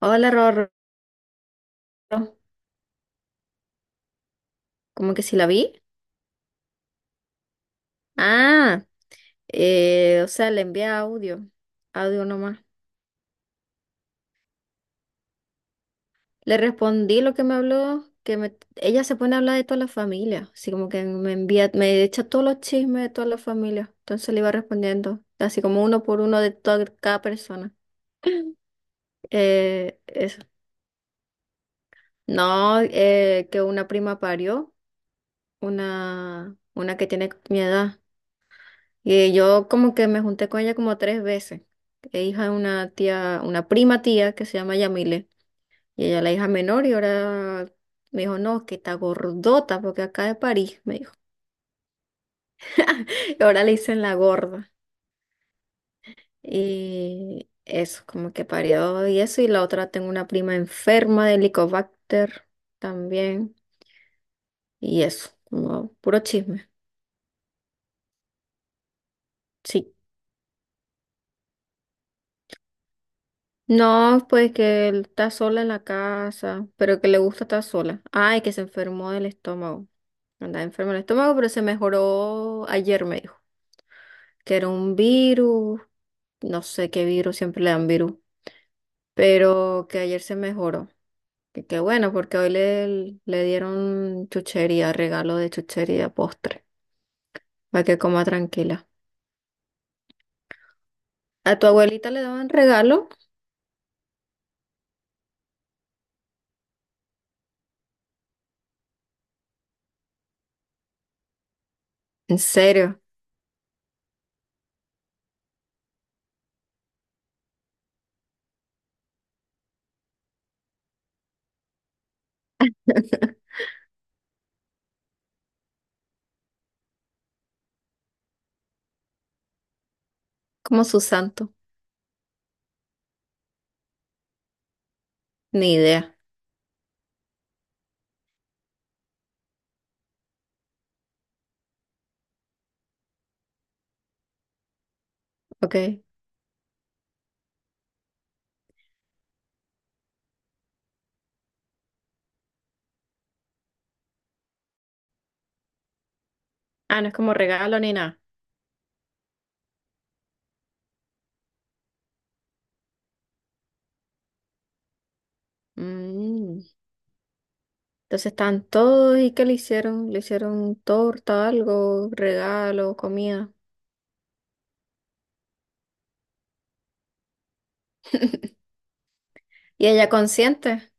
Hola, Rorro. ¿Cómo que si la vi? Ah, o sea, le envié audio, audio nomás. Le respondí lo que me habló, ella se pone a hablar de toda la familia, así como que me envía, me echa todos los chismes de toda la familia. Entonces le iba respondiendo, así como uno por uno de toda cada persona. Eso. No, que una prima parió, una que tiene mi edad. Y yo como que me junté con ella como tres veces. Es hija de una tía, una prima tía que se llama Yamile. Y ella es la hija menor y ahora me dijo, no, que está gordota porque acá de París, me dijo. Y ahora le dicen la gorda. Y eso, como que parió y eso. Y la otra tengo una prima enferma de Helicobacter también. Y eso, como puro chisme. Sí. No, pues que él está sola en la casa, pero que le gusta estar sola. Ay, que se enfermó del estómago. Andaba enfermo el estómago, pero se mejoró ayer, me dijo. Que era un virus, no sé qué virus, siempre le dan virus. Pero que ayer se mejoró. Que qué bueno, porque hoy le dieron chuchería, regalo de chuchería, postre, para que coma tranquila. ¿A tu abuelita le daban regalo? ¿En serio? Como su santo. Ni idea, ok. Ah, no es como regalo ni nada. Mm. Entonces están todos y ¿qué le hicieron? Le hicieron torta, algo, regalo, comida. Y ella consciente.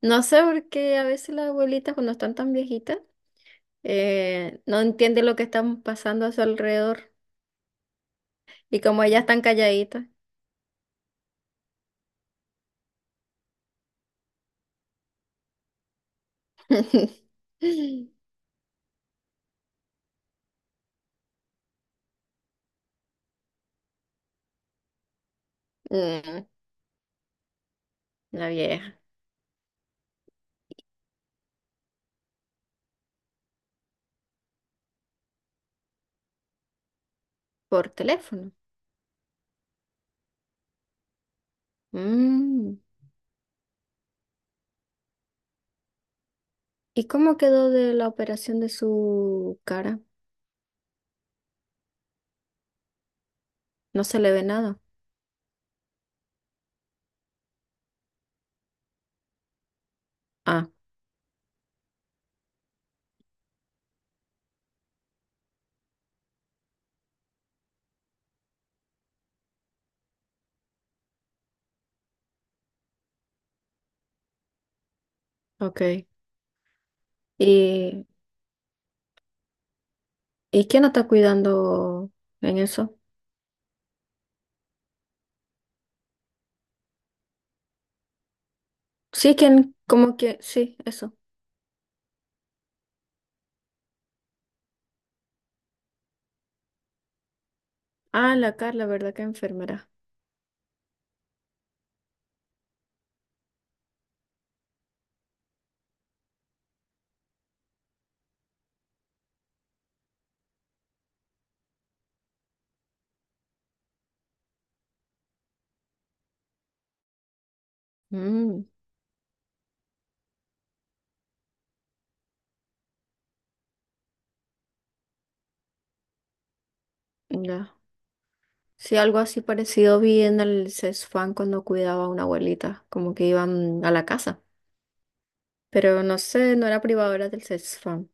No sé por qué a veces las abuelitas cuando están tan viejitas no entienden lo que están pasando a su alrededor y como ellas están calladitas. Mm, la vieja, por teléfono. Mm. ¿Y cómo quedó de la operación de su cara? No se le ve nada. Ah, ok. ¿Y, quién la está cuidando en eso? Sí, quién, como que, sí, eso. Ah, la Carla, ¿verdad? Que enfermera. Mm, ya. Sí, algo así parecido vi en el CESFAM cuando cuidaba a una abuelita, como que iban a la casa, pero no sé, no era privado, era del CESFAM.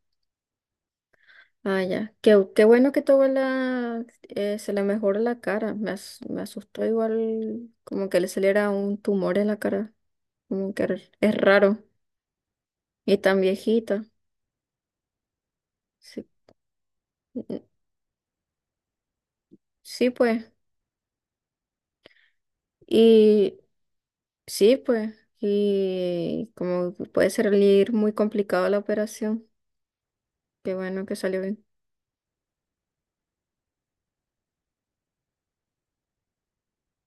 Ah, ya. Qué, qué bueno que tu abuela se le mejoró la cara. Me asustó igual como que le saliera un tumor en la cara, como que es raro. Y tan viejita. Sí, mm, sí, pues. Y sí, pues. Y como puede salir muy complicado la operación. Qué bueno que salió bien.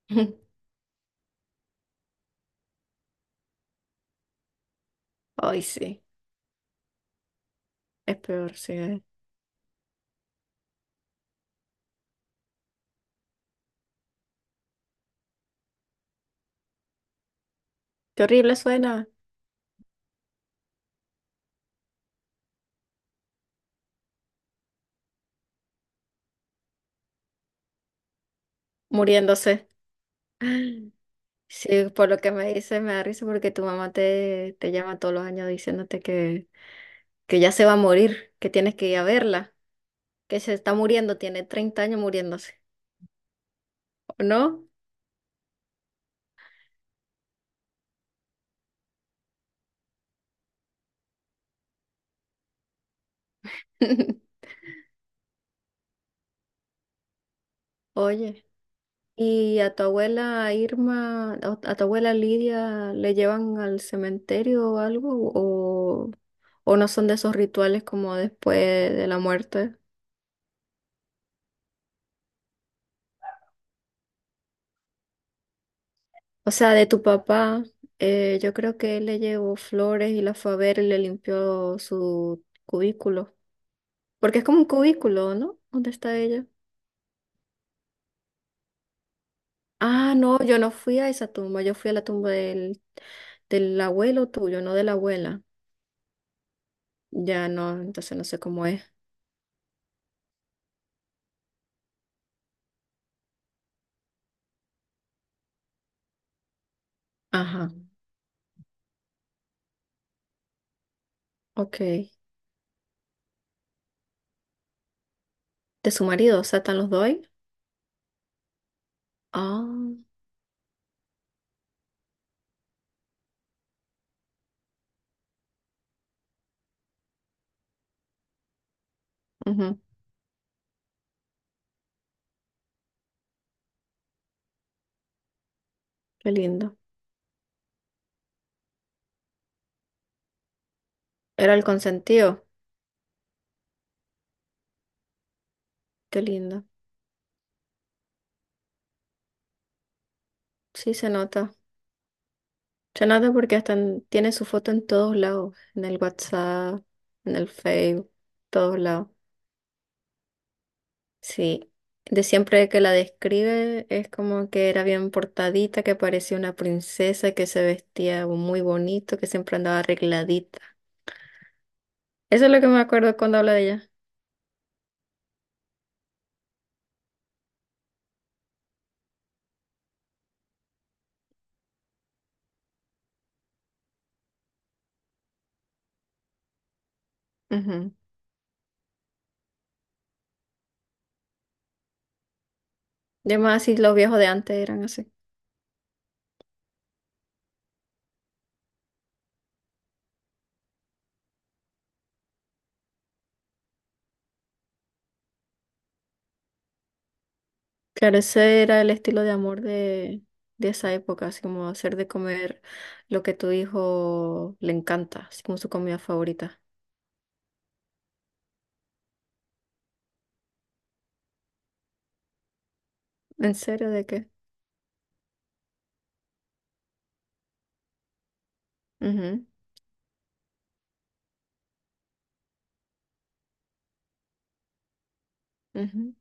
Ay, sí, es peor, sí. Qué horrible suena, muriéndose. Sí, por lo que me dice, me da risa porque tu mamá te llama todos los años diciéndote que ya se va a morir, que tienes que ir a verla, que se está muriendo, tiene 30 años muriéndose, ¿o no? Oye, ¿y a tu abuela Irma, o a tu abuela Lidia, le llevan al cementerio o algo? O no son de esos rituales como después de la muerte? O sea, de tu papá, yo creo que él le llevó flores y la fue a ver y le limpió su cubículo. Porque es como un cubículo, ¿no? ¿Dónde está ella? Ah, no, yo no fui a esa tumba, yo fui a la tumba del abuelo tuyo, no de la abuela. Ya no, entonces no sé cómo es. Ajá, ok. De su marido, o sea, ¿están los dos ahí? Ah, ujú, qué lindo. Era el consentido, qué lindo. Sí, se nota. Se nota porque hasta tiene su foto en todos lados, en el WhatsApp, en el Facebook, todos lados. Sí, de siempre que la describe es como que era bien portadita, que parecía una princesa, que se vestía muy bonito, que siempre andaba arregladita. Eso es lo que me acuerdo cuando habla de ella. Ujú. Y además, así los viejos de antes eran así. Claro, ese era el estilo de amor de esa época, así como hacer de comer lo que tu hijo le encanta, así como su comida favorita. ¿En serio de qué? Ujú, ujú,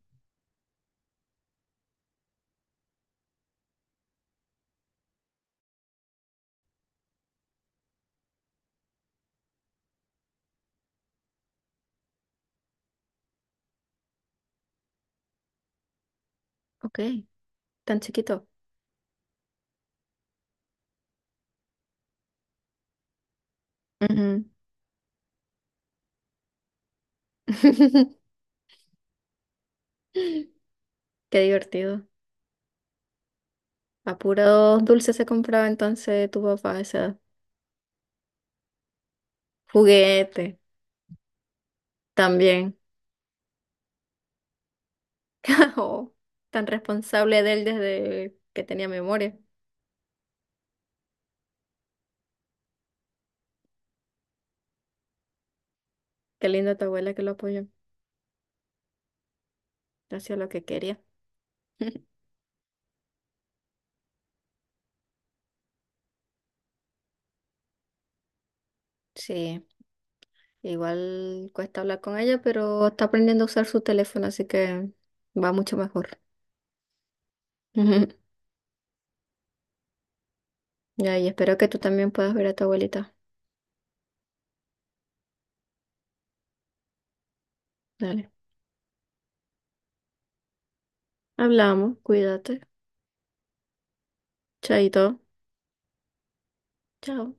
Ok, tan chiquito. Ujú. Qué divertido. A puros dulces se compraba entonces tu papá esa edad. Juguete también. Oh, tan responsable de él desde que tenía memoria. Qué lindo tu abuela que lo apoyó. Hacía lo que quería. Sí, igual cuesta hablar con ella, pero está aprendiendo a usar su teléfono, así que va mucho mejor. Ya, y espero que tú también puedas ver a tu abuelita. Dale. Hablamos, cuídate. Chaito. Chao.